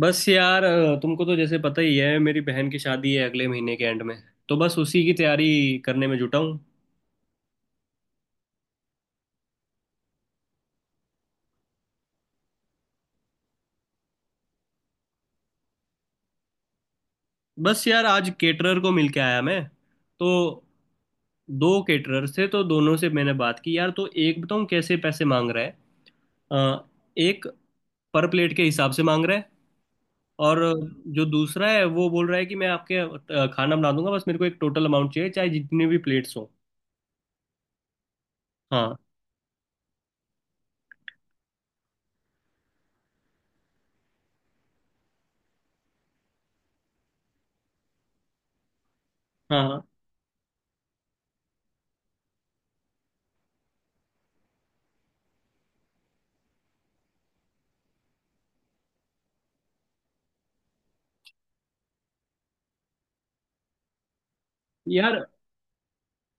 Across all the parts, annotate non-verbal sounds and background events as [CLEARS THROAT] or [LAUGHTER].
बस यार, तुमको तो जैसे पता ही है, मेरी बहन की शादी है अगले महीने के एंड में। तो बस उसी की तैयारी करने में जुटा हूँ। बस यार, आज केटरर को मिल के आया मैं। तो दो केटरर से, तो दोनों से मैंने बात की यार। तो एक बताऊँ कैसे पैसे मांग रहा है। अ, एक पर प्लेट के हिसाब से मांग रहा है। और जो दूसरा है वो बोल रहा है कि मैं आपके खाना बना दूंगा, बस मेरे को एक टोटल अमाउंट चाहिए, चाहे जितनी भी प्लेट्स हो। हाँ, हाँ, हाँ। यार,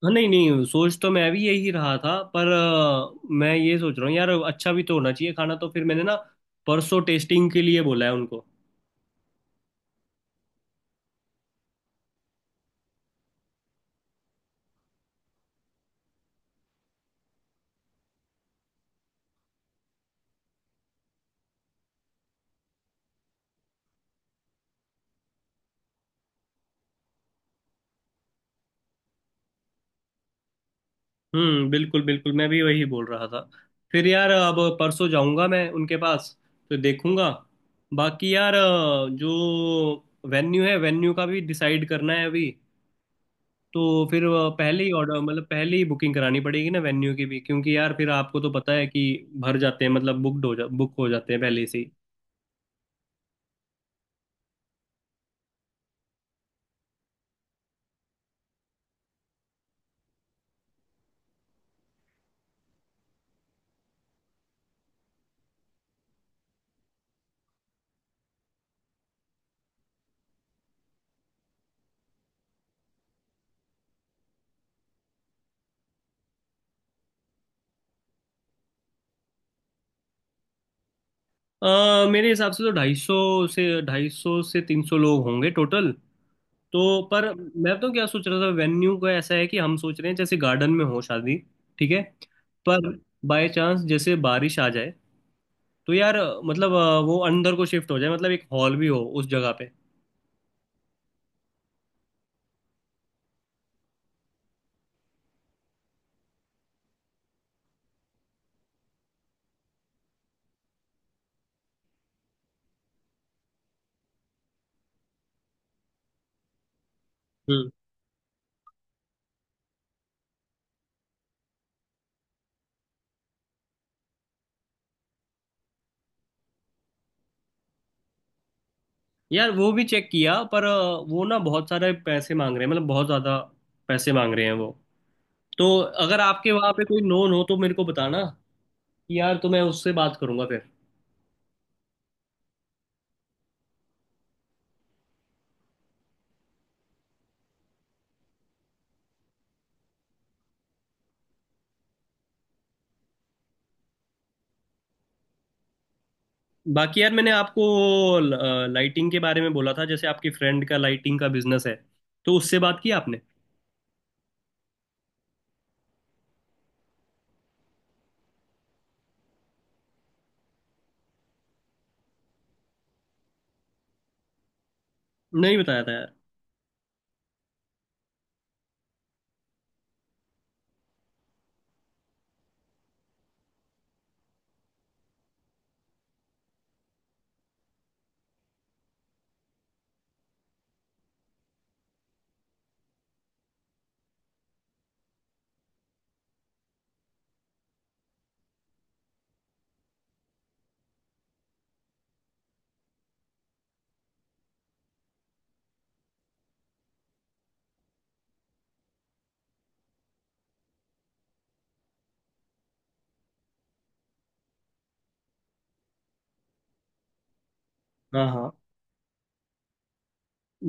हाँ, नहीं नहीं, सोच तो मैं भी यही रहा था। पर मैं ये सोच रहा हूँ यार, अच्छा भी तो होना चाहिए खाना। तो फिर मैंने ना परसों टेस्टिंग के लिए बोला है उनको। हम्म, बिल्कुल बिल्कुल, मैं भी वही बोल रहा था। फिर यार अब परसों जाऊंगा मैं उनके पास। तो देखूंगा। बाकी यार, जो वेन्यू है वेन्यू का भी डिसाइड करना है अभी। तो फिर पहले ही ऑर्डर मतलब पहले ही बुकिंग करानी पड़ेगी ना वेन्यू की भी, क्योंकि यार फिर आपको तो पता है कि भर जाते हैं, मतलब बुक हो जाते हैं पहले से ही। अ, मेरे हिसाब से तो 250 से 300 लोग होंगे टोटल। तो पर मैं तो क्या सोच रहा था, वेन्यू का ऐसा है कि हम सोच रहे हैं जैसे गार्डन में हो शादी। ठीक है, पर बाय चांस जैसे बारिश आ जाए तो यार मतलब वो अंदर को शिफ्ट हो जाए, मतलब एक हॉल भी हो उस जगह पे। हम्म यार, वो भी चेक किया, पर वो ना बहुत सारे पैसे मांग रहे हैं, मतलब बहुत ज़्यादा पैसे मांग रहे हैं वो। तो अगर आपके वहाँ पे कोई नोन हो तो मेरे को बताना कि यार, तो मैं उससे बात करूंगा फिर। बाकी यार, मैंने आपको लाइटिंग के बारे में बोला था, जैसे आपकी फ्रेंड का लाइटिंग का बिजनेस है। तो उससे बात की आपने? नहीं बताया था यार। हाँ, हाँ।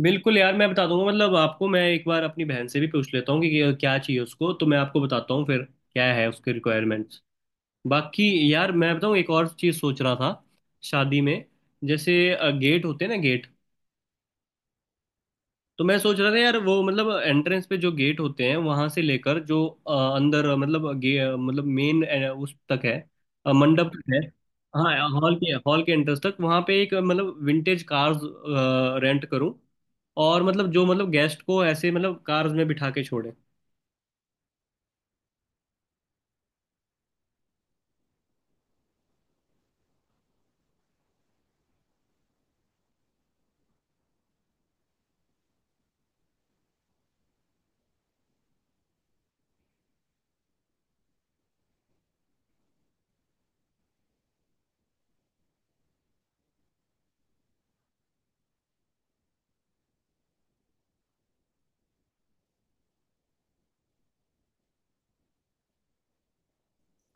बिल्कुल यार, मैं बता दूंगा, मतलब आपको मैं एक बार अपनी बहन से भी पूछ लेता हूँ कि क्या क्या चाहिए उसको, तो मैं आपको बताता हूँ फिर क्या है उसके रिक्वायरमेंट्स। बाकी यार, मैं बताऊँ, एक और चीज़ सोच रहा था। शादी में जैसे गेट होते हैं ना, गेट। तो मैं सोच रहा था यार, वो मतलब एंट्रेंस पे जो गेट होते हैं, वहां से लेकर जो अंदर मतलब मेन उस तक है अ, मंडप तक है। हाँ, हॉल के एंट्रेंस तक वहां पे एक मतलब विंटेज कार्स रेंट करूं। और मतलब जो मतलब गेस्ट को ऐसे मतलब कार्स में बिठा के छोड़े।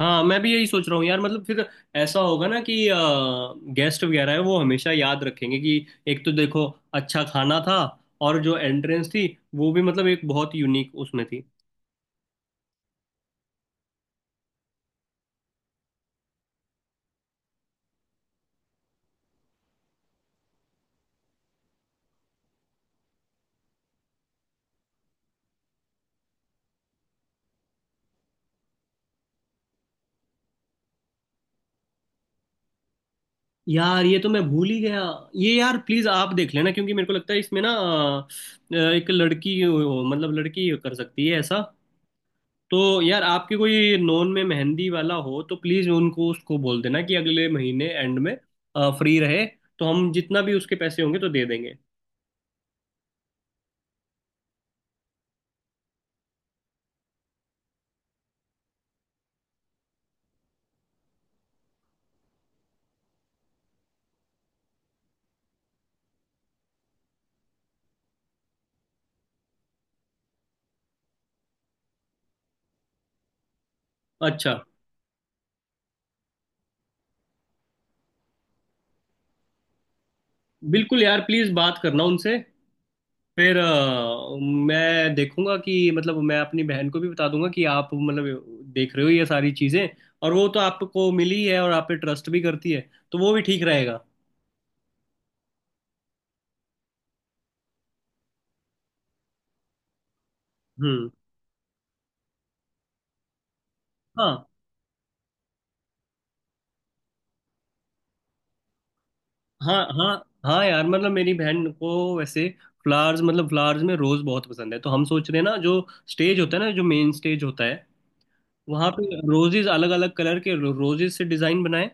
हाँ, मैं भी यही सोच रहा हूँ यार। मतलब फिर ऐसा होगा ना कि गेस्ट वगैरह है वो हमेशा याद रखेंगे कि एक तो देखो, अच्छा खाना था, और जो एंट्रेंस थी वो भी मतलब एक बहुत यूनिक उसमें थी। यार ये तो मैं भूल ही गया ये। यार प्लीज आप देख लेना, क्योंकि मेरे को लगता है इसमें ना, मतलब लड़की कर सकती है ऐसा। तो यार आपके कोई नॉन में मेहंदी वाला हो तो प्लीज उनको उसको बोल देना कि अगले महीने एंड में फ्री रहे, तो हम जितना भी उसके पैसे होंगे तो दे देंगे। अच्छा। बिल्कुल यार, प्लीज बात करना उनसे। फिर मैं देखूंगा कि मतलब मैं अपनी बहन को भी बता दूंगा कि आप मतलब देख रहे हो ये सारी चीजें। और वो तो आपको मिली है और आप पे ट्रस्ट भी करती है, तो वो भी ठीक रहेगा। हम्म। हाँ, हाँ। हाँ। हाँ यार, मतलब मेरी बहन को वैसे फ्लावर्स, मतलब फ्लावर्स में रोज बहुत पसंद है। तो हम सोच रहे हैं ना, जो स्टेज होता है ना, जो मेन स्टेज होता है, वहां पे रोजेज, अलग अलग कलर के रोजेज से डिजाइन बनाए।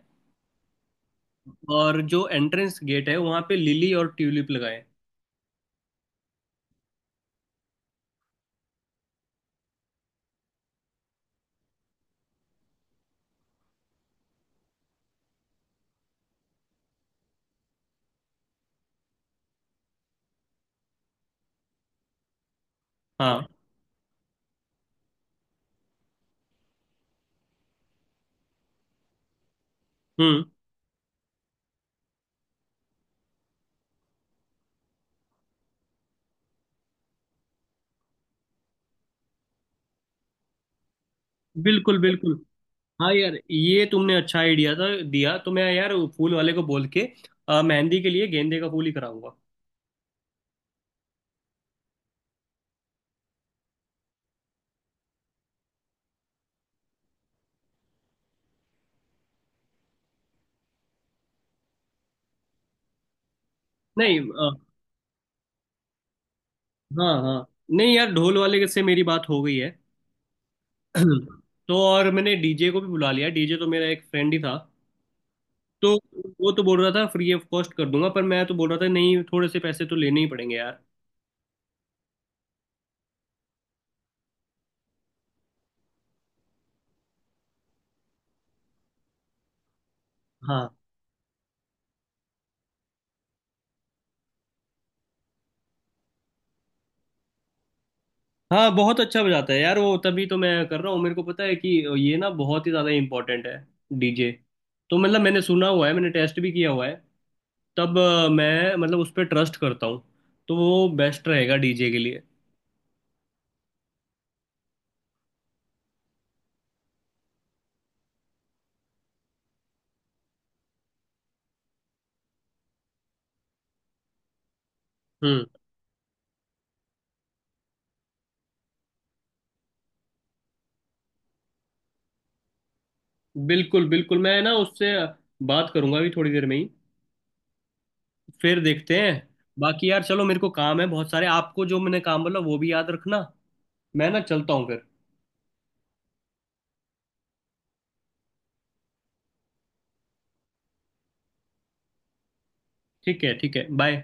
और जो एंट्रेंस गेट है वहां पे लिली और ट्यूलिप लगाए। हाँ। हम्म, बिल्कुल बिल्कुल। हाँ यार, ये तुमने अच्छा आइडिया था दिया। तो मैं यार वो फूल वाले को बोल के मेहंदी के लिए गेंदे का फूल ही कराऊंगा। नहीं, हाँ हाँ, नहीं यार, ढोल वाले से मेरी बात हो गई है। [CLEARS THROAT] तो और मैंने डीजे को भी बुला लिया। डीजे तो मेरा एक फ्रेंड ही था तो। वो तो बोल रहा था फ्री ऑफ कॉस्ट कर दूंगा, पर मैं तो बोल रहा था, नहीं, थोड़े से पैसे तो लेने ही पड़ेंगे यार। हाँ, हाँ, बहुत अच्छा बजाता है यार वो। तभी तो मैं कर रहा हूँ, मेरे को पता है कि ये ना बहुत ही ज़्यादा इम्पोर्टेंट है डीजे। तो मतलब मैंने सुना हुआ है, मैंने टेस्ट भी किया हुआ है। तब मैं मतलब उस पर ट्रस्ट करता हूँ, तो वो बेस्ट रहेगा डीजे के लिए। हम्म, बिल्कुल बिल्कुल। मैं ना उससे बात करूंगा अभी थोड़ी देर में ही। फिर देखते हैं। बाकी यार चलो, मेरे को काम है बहुत सारे। आपको जो मैंने काम बोला वो भी याद रखना। मैं ना चलता हूँ फिर। ठीक है, ठीक है, बाय।